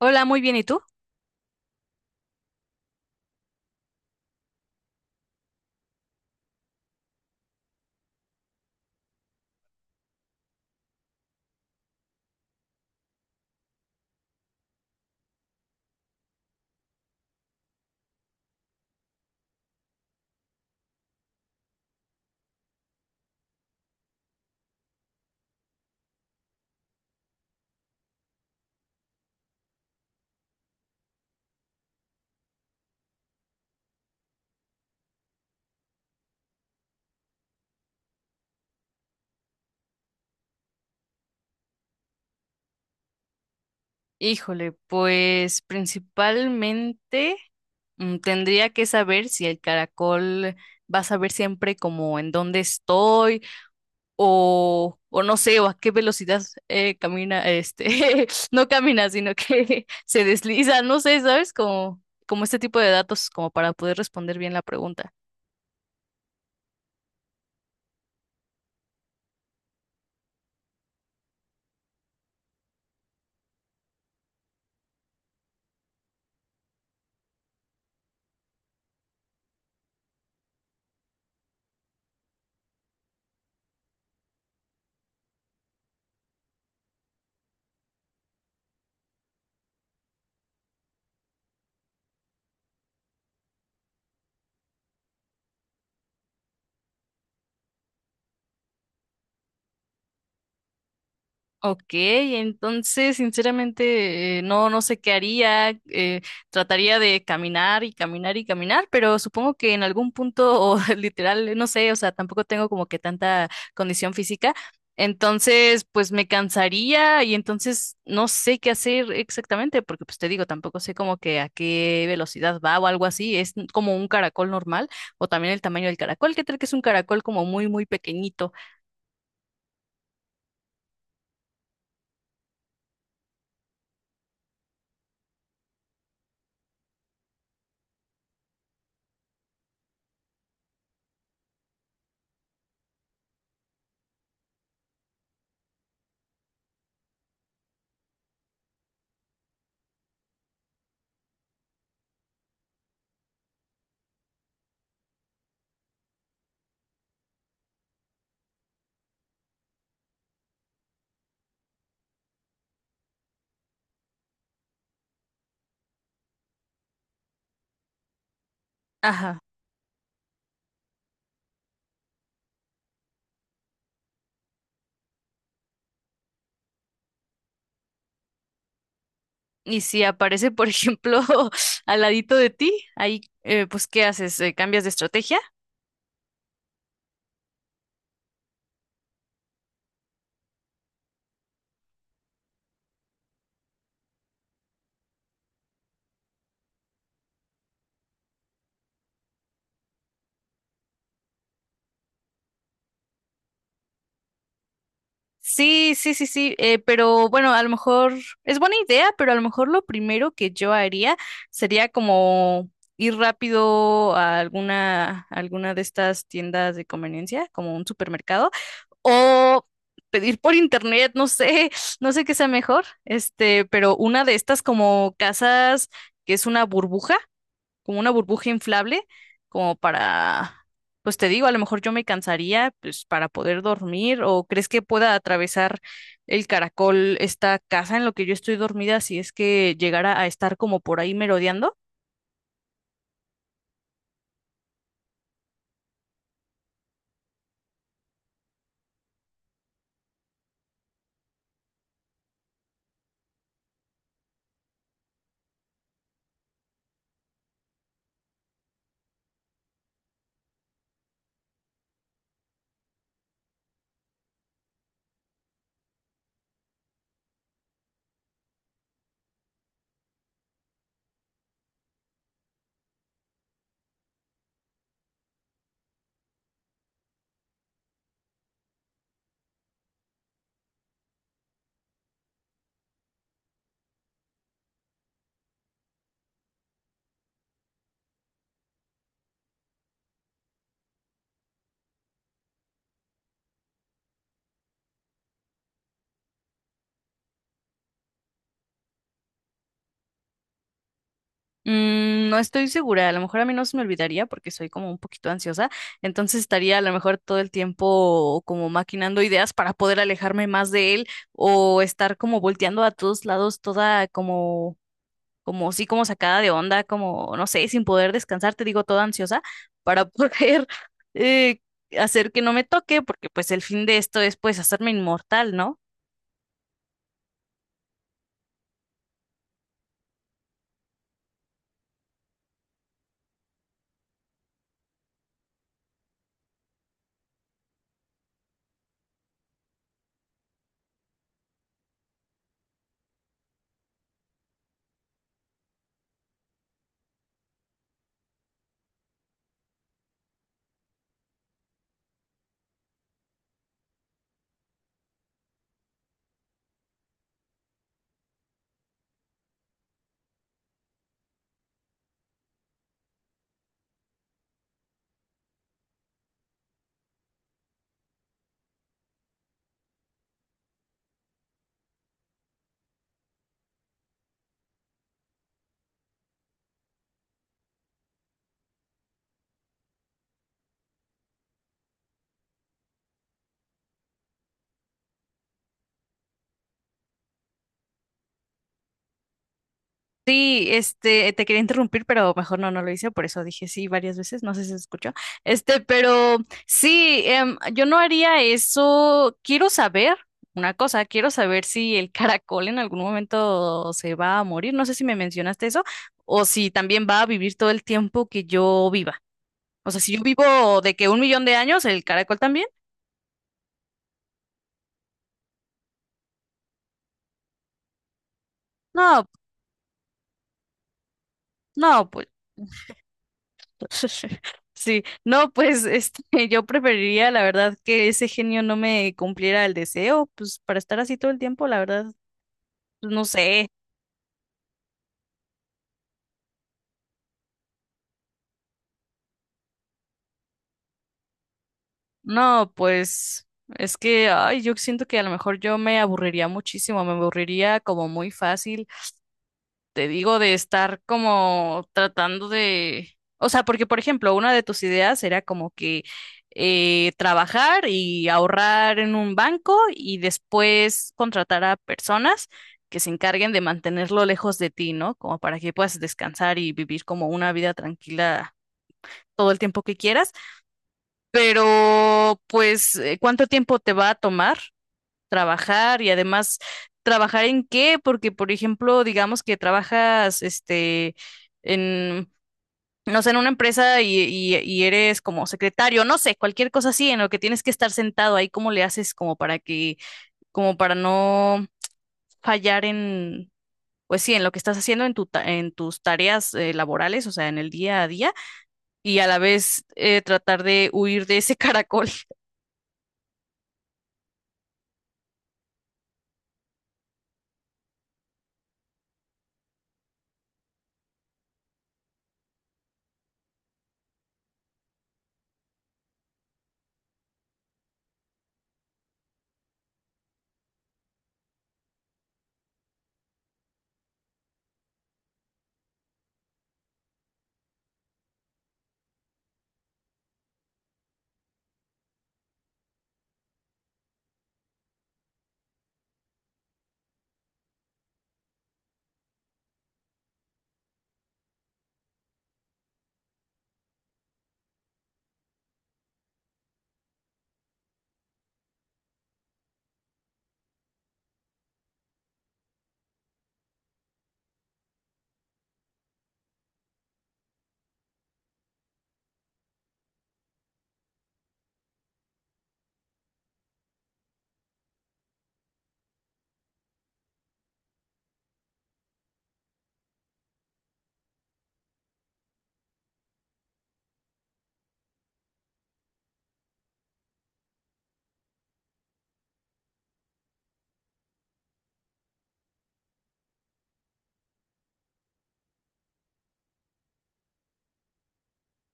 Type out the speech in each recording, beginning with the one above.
Hola, muy bien, ¿y tú? Híjole, pues principalmente tendría que saber si el caracol va a saber siempre como en dónde estoy o, no sé, o a qué velocidad camina, este, no camina, sino que se desliza, no sé, ¿sabes? Como, este tipo de datos como para poder responder bien la pregunta. Ok, entonces sinceramente no, no sé qué haría. Trataría de caminar y caminar y caminar, pero supongo que en algún punto, o literal, no sé, o sea, tampoco tengo como que tanta condición física. Entonces, pues me cansaría y entonces no sé qué hacer exactamente, porque pues te digo, tampoco sé como que a qué velocidad va o algo así. Es como un caracol normal o también el tamaño del caracol. ¿Qué tal que es un caracol como muy, muy pequeñito? Ajá. Y si aparece, por ejemplo, al ladito de ti, ahí, pues, ¿qué haces? ¿Cambias de estrategia? Sí, sí, sí, sí, pero bueno, a lo mejor es buena idea, pero a lo mejor lo primero que yo haría sería como ir rápido a alguna, de estas tiendas de conveniencia, como un supermercado, o pedir por internet, no sé, no sé qué sea mejor, este, pero una de estas como casas que es una burbuja como una burbuja inflable, como para, pues te digo, a lo mejor yo me cansaría, pues para poder dormir, o crees que pueda atravesar el caracol esta casa en lo que yo estoy dormida si es que llegara a estar como por ahí merodeando? Mm, no estoy segura, a lo mejor a mí no se me olvidaría porque soy como un poquito ansiosa, entonces estaría a lo mejor todo el tiempo como maquinando ideas para poder alejarme más de él o estar como volteando a todos lados toda como así como sacada de onda, como, no sé, sin poder descansar, te digo, toda ansiosa para poder eh, hacer que no me toque, porque pues el fin de esto es pues hacerme inmortal, ¿no? Sí, este, te quería interrumpir, pero mejor no, no lo hice, por eso dije sí varias veces, no sé si se escuchó. Este, pero sí, yo no haría eso. Quiero saber una cosa, quiero saber si el caracol en algún momento se va a morir. No sé si me mencionaste eso, o si también va a vivir todo el tiempo que yo viva. O sea, si yo vivo de que un millón de años, el caracol también. No, no, pues. Sí, no, pues este, yo preferiría, la verdad, que ese genio no me cumpliera el deseo, pues para estar así todo el tiempo, la verdad, pues, no sé. No, pues es que, ay, yo siento que a lo mejor yo me aburriría muchísimo, me aburriría como muy fácil te digo, de estar como tratando de, o sea, porque por ejemplo, una de tus ideas era como que trabajar y ahorrar en un banco y después contratar a personas que se encarguen de mantenerlo lejos de ti, ¿no? Como para que puedas descansar y vivir como una vida tranquila todo el tiempo que quieras. Pero, pues, ¿cuánto tiempo te va a tomar? Trabajar y además trabajar en qué, porque por ejemplo, digamos que trabajas este en no sé, en una empresa y, y eres como secretario, no sé, cualquier cosa así en lo que tienes que estar sentado ahí, ¿cómo le haces como para que, como para no fallar en, pues sí, en lo que estás haciendo en en tus tareas laborales, o sea, en el día a día, y a la vez tratar de huir de ese caracol?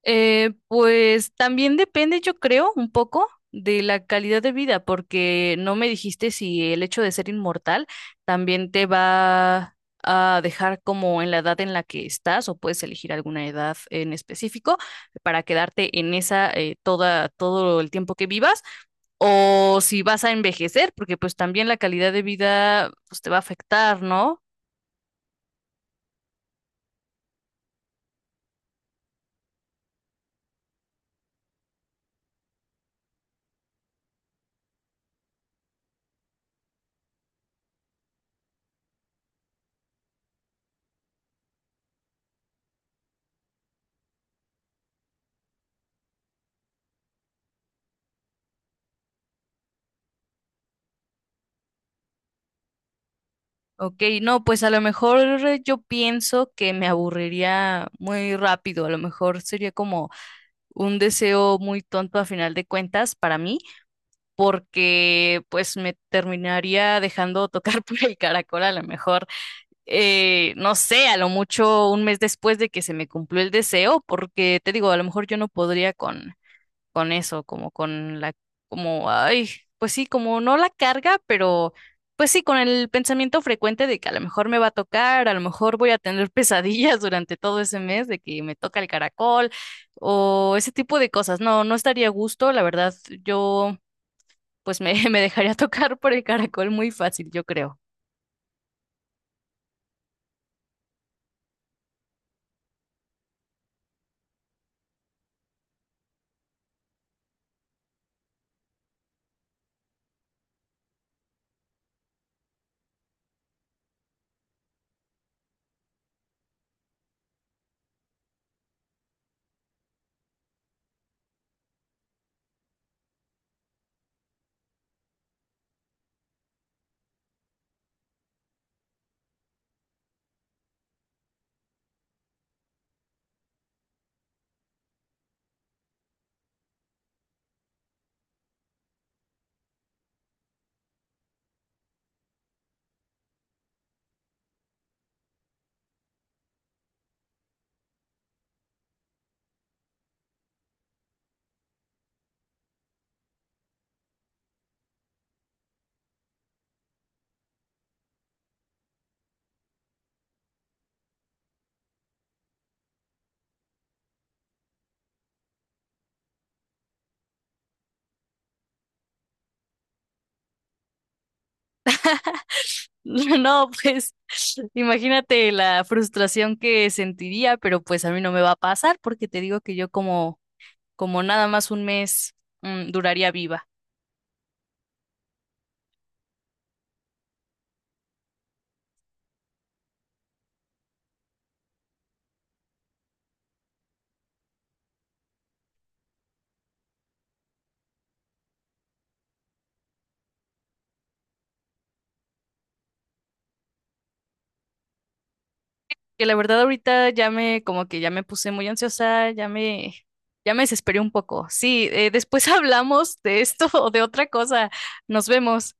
Pues también depende, yo creo, un poco de la calidad de vida, porque no me dijiste si el hecho de ser inmortal también te va a dejar como en la edad en la que estás o puedes elegir alguna edad en específico para quedarte en esa toda todo el tiempo que vivas o si vas a envejecer, porque pues también la calidad de vida pues te va a afectar, ¿no? Ok, no, pues a lo mejor yo pienso que me aburriría muy rápido, a lo mejor sería como un deseo muy tonto a final de cuentas para mí, porque pues me terminaría dejando tocar por el caracol a lo mejor, no sé, a lo mucho un mes después de que se me cumplió el deseo, porque te digo, a lo mejor yo no podría con eso, como con la, como, ay, pues sí, como no la carga, pero pues sí, con el pensamiento frecuente de que a lo mejor me va a tocar, a lo mejor voy a tener pesadillas durante todo ese mes de que me toca el caracol o ese tipo de cosas. No, no estaría a gusto, la verdad, yo pues me, me dejaría tocar por el caracol muy fácil, yo creo. No, pues imagínate la frustración que sentiría, pero pues a mí no me va a pasar porque te digo que yo como nada más un mes duraría viva. Que la verdad ahorita como que ya me puse muy ansiosa, ya me desesperé un poco. Sí, después hablamos de esto o de otra cosa. Nos vemos.